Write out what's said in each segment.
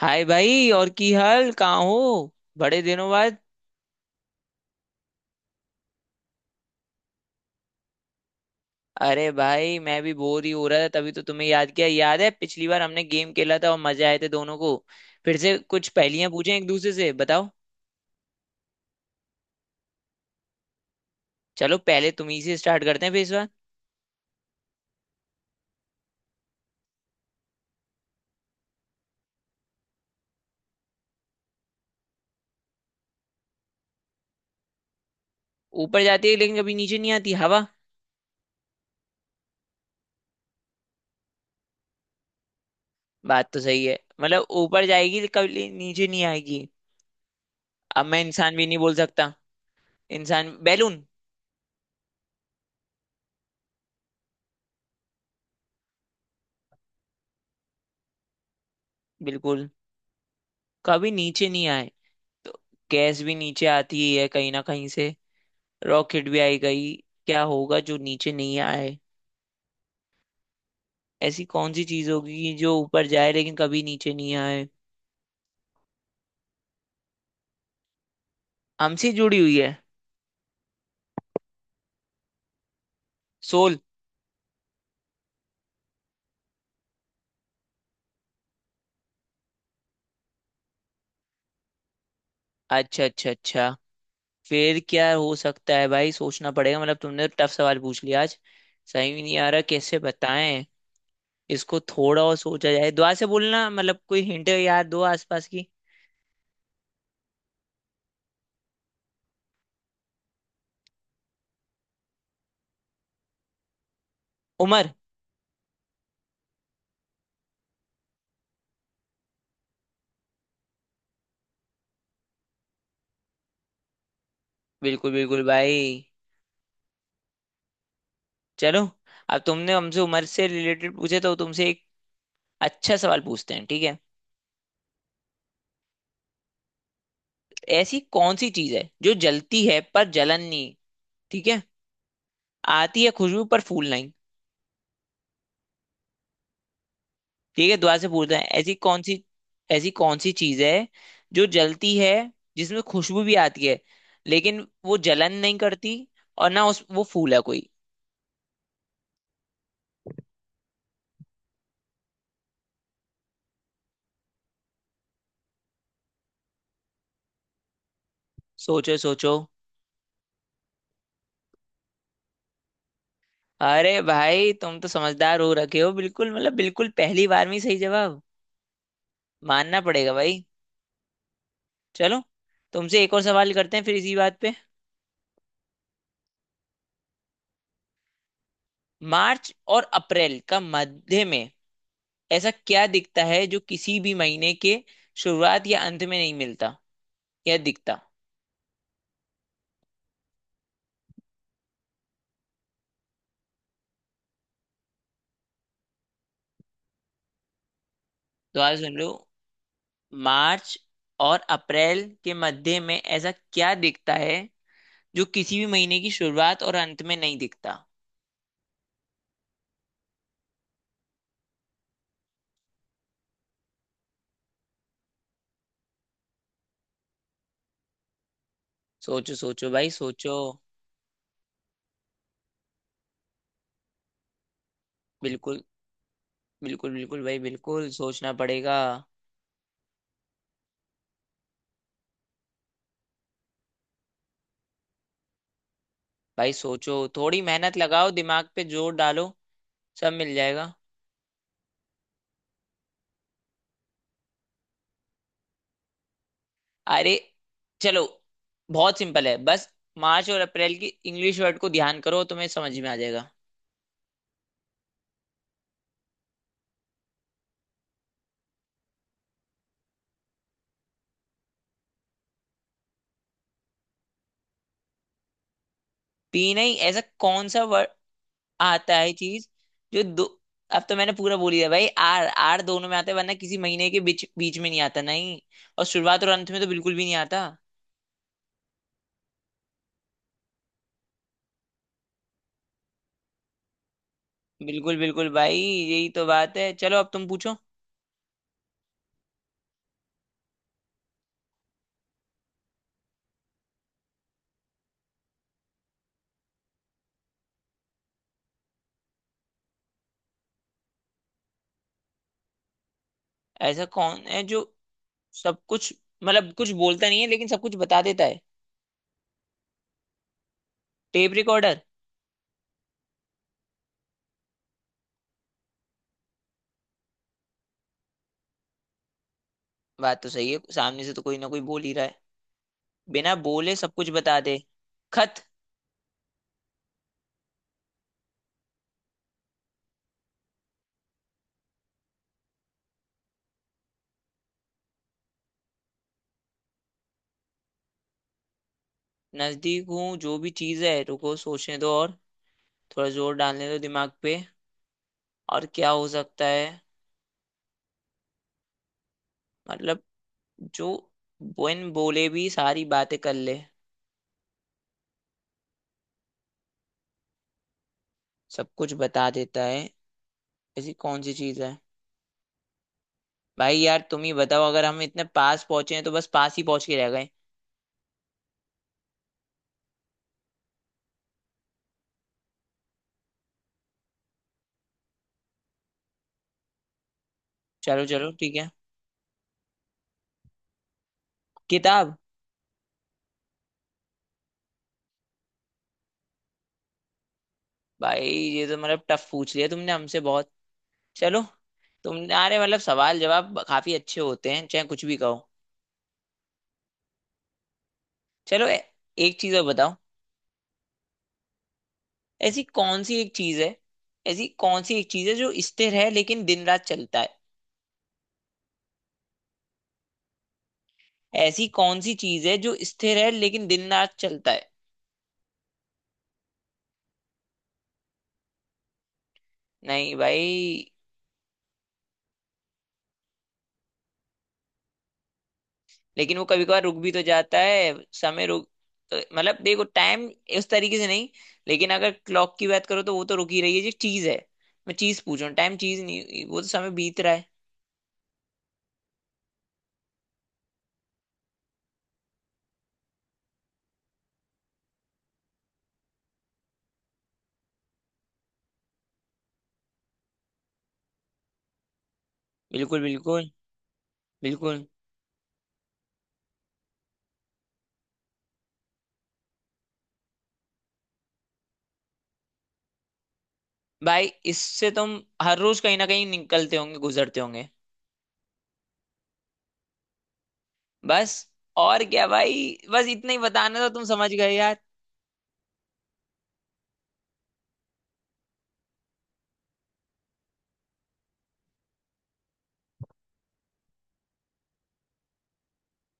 हाय भाई, और की हाल, कहाँ हो बड़े दिनों बाद? अरे भाई, मैं भी बोर ही हो रहा था, तभी तो तुम्हें याद किया। याद है पिछली बार हमने गेम खेला था और मजे आए थे दोनों को। फिर से कुछ पहेलियां पूछें एक दूसरे से, बताओ। चलो पहले तुम ही से स्टार्ट करते हैं फिर इस बार। ऊपर जाती है लेकिन कभी नीचे नहीं आती, हवा। बात तो सही है, मतलब ऊपर जाएगी लेकिन कभी नीचे नहीं आएगी। अब मैं इंसान भी नहीं बोल सकता। इंसान बैलून। बिल्कुल। कभी नीचे नहीं आए तो गैस भी नीचे आती ही है कहीं ना कहीं से। रॉकेट भी आई गई। क्या होगा जो नीचे नहीं आए? ऐसी कौन सी चीज होगी जो ऊपर जाए लेकिन कभी नीचे नहीं आए? हमसे जुड़ी हुई है। सोल। अच्छा अच्छा अच्छा। फिर क्या हो सकता है भाई, सोचना पड़ेगा। मतलब तुमने टफ सवाल पूछ लिया आज। सही भी नहीं आ रहा, कैसे बताएं। इसको थोड़ा और सोचा जाए, दुआ से बोलना मतलब कोई हिंट याद दो आसपास की। उम्र। बिल्कुल बिल्कुल भाई। चलो अब तुमने हमसे उम्र से रिलेटेड पूछे, तो तुमसे एक अच्छा सवाल पूछते हैं, ठीक है। ऐसी कौन सी चीज है जो जलती है पर जलन नहीं। ठीक है। आती है खुशबू पर फूल नहीं। ठीक है, दोबारा से पूछते हैं। ऐसी कौन सी, ऐसी कौन सी चीज है जो जलती है, जिसमें खुशबू भी आती है लेकिन वो जलन नहीं करती, और ना उस वो फूल है कोई। सोचो सोचो। अरे भाई तुम तो समझदार हो रखे हो, बिल्कुल मतलब बिल्कुल पहली बार में ही सही जवाब। मानना पड़ेगा भाई। चलो तुमसे एक और सवाल करते हैं फिर इसी बात पे। मार्च और अप्रैल का मध्य में ऐसा क्या दिखता है जो किसी भी महीने के शुरुआत या अंत में नहीं मिलता या दिखता? दोबारा सुन लो। मार्च और अप्रैल के मध्य में ऐसा क्या दिखता है जो किसी भी महीने की शुरुआत और अंत में नहीं दिखता? सोचो सोचो भाई सोचो। बिल्कुल बिल्कुल बिल्कुल भाई, बिल्कुल सोचना पड़ेगा। भाई सोचो, थोड़ी मेहनत लगाओ, दिमाग पे जोर डालो। सब मिल जाएगा। अरे चलो, बहुत सिंपल है बस। मार्च और अप्रैल की इंग्लिश वर्ड को ध्यान करो, तुम्हें समझ में आ जाएगा। पी नहीं, ऐसा कौन सा वर्ड आता है, चीज जो दो। अब तो मैंने पूरा बोल ही दिया भाई, आर आर दोनों में आता है, वरना किसी महीने के बीच बीच में नहीं आता, नहीं। और शुरुआत और अंत में तो बिल्कुल भी नहीं आता। बिल्कुल बिल्कुल भाई, यही तो बात है। चलो अब तुम पूछो। ऐसा कौन है जो सब कुछ मतलब कुछ बोलता नहीं है लेकिन सब कुछ बता देता है? Tape recorder. बात तो सही है, सामने से तो कोई ना कोई बोल ही रहा है। बिना बोले सब कुछ बता दे। खत। नजदीक हूँ? जो भी चीज है, रुको सोचने दो। और थोड़ा जोर डालने दो दिमाग पे। और क्या हो सकता है? मतलब जो बिन बोले भी सारी बातें कर ले, सब कुछ बता देता है। ऐसी कौन सी चीज है? भाई यार तुम ही बताओ, अगर हम इतने पास पहुंचे हैं तो बस पास ही पहुंच के रह गए। चलो चलो ठीक है। किताब। भाई ये तो मतलब टफ पूछ लिया तुमने हमसे बहुत। चलो, तुम्हारे मतलब सवाल जवाब काफी अच्छे होते हैं, चाहे कुछ भी कहो। चलो एक चीज और बताओ। ऐसी कौन सी एक चीज है, ऐसी कौन सी एक चीज है जो स्थिर है लेकिन दिन रात चलता है? ऐसी कौन सी चीज है जो स्थिर है लेकिन दिन रात चलता है? नहीं भाई। लेकिन वो कभी कभार रुक भी तो जाता है। समय रुक, तो मतलब देखो टाइम इस तरीके से नहीं। लेकिन अगर क्लॉक की बात करो तो वो तो रुक ही रही है जो चीज है। मैं चीज पूछ रहा हूँ, टाइम चीज नहीं, वो तो समय बीत रहा है। बिल्कुल बिल्कुल। बिल्कुल भाई, इससे तुम हर रोज कहीं ना कहीं निकलते होंगे, गुजरते होंगे। बस। और क्या भाई, बस इतना ही बताना था, तुम समझ गए यार।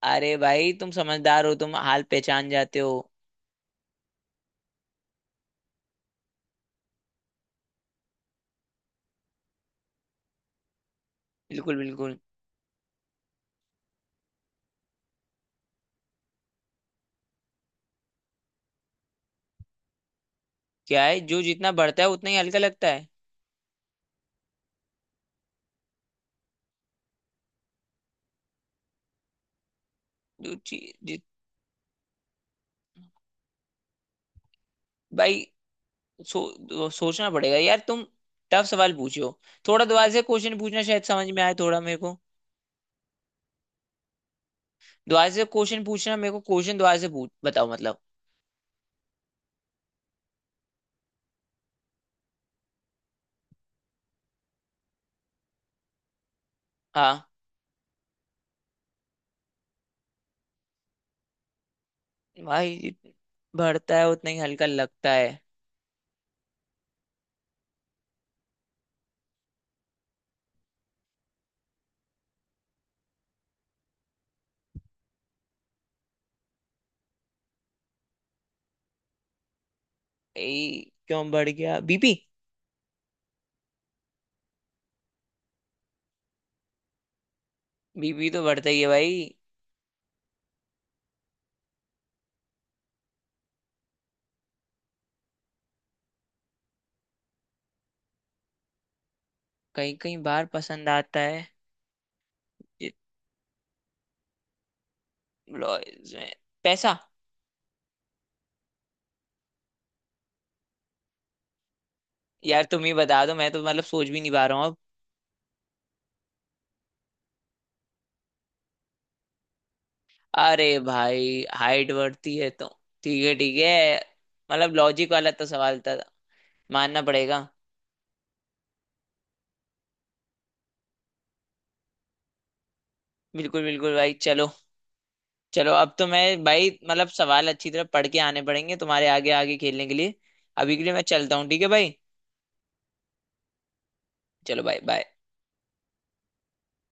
अरे भाई तुम समझदार हो, तुम हाल पहचान जाते हो। बिल्कुल बिल्कुल। क्या है जो जितना बढ़ता है उतना ही हल्का लगता है? जो ची- जि, भाई सोचना पड़ेगा यार, तुम टफ सवाल पूछो। थोड़ा दोबारा से क्वेश्चन पूछना, शायद समझ में आए थोड़ा मेरे को। दोबारा से क्वेश्चन पूछना मेरे को, क्वेश्चन दोबारा से पूछ, बताओ मतलब। हाँ। भाई जित- बढ़ता है उतना ही हल्का लगता है। क्यों बढ़ गया, बीपी? बीपी तो बढ़ता ही है भाई। कई कई बार पसंद आता है। ये ब्लाउज में पैसा। यार तुम ही बता दो, मैं तो मतलब सोच भी नहीं पा रहा हूँ अब। अरे भाई हाइट बढ़ती है तो। ठीक है ठीक है। मतलब लॉजिक वाला तो सवाल था, मानना पड़ेगा। बिल्कुल बिल्कुल भाई चलो। चलो अब तो मैं भाई, मतलब सवाल अच्छी तरह पढ़ के आने पड़ेंगे तुम्हारे आगे, आगे खेलने के लिए। अभी के लिए मैं चलता हूँ, ठीक है भाई। चलो भाई बाय।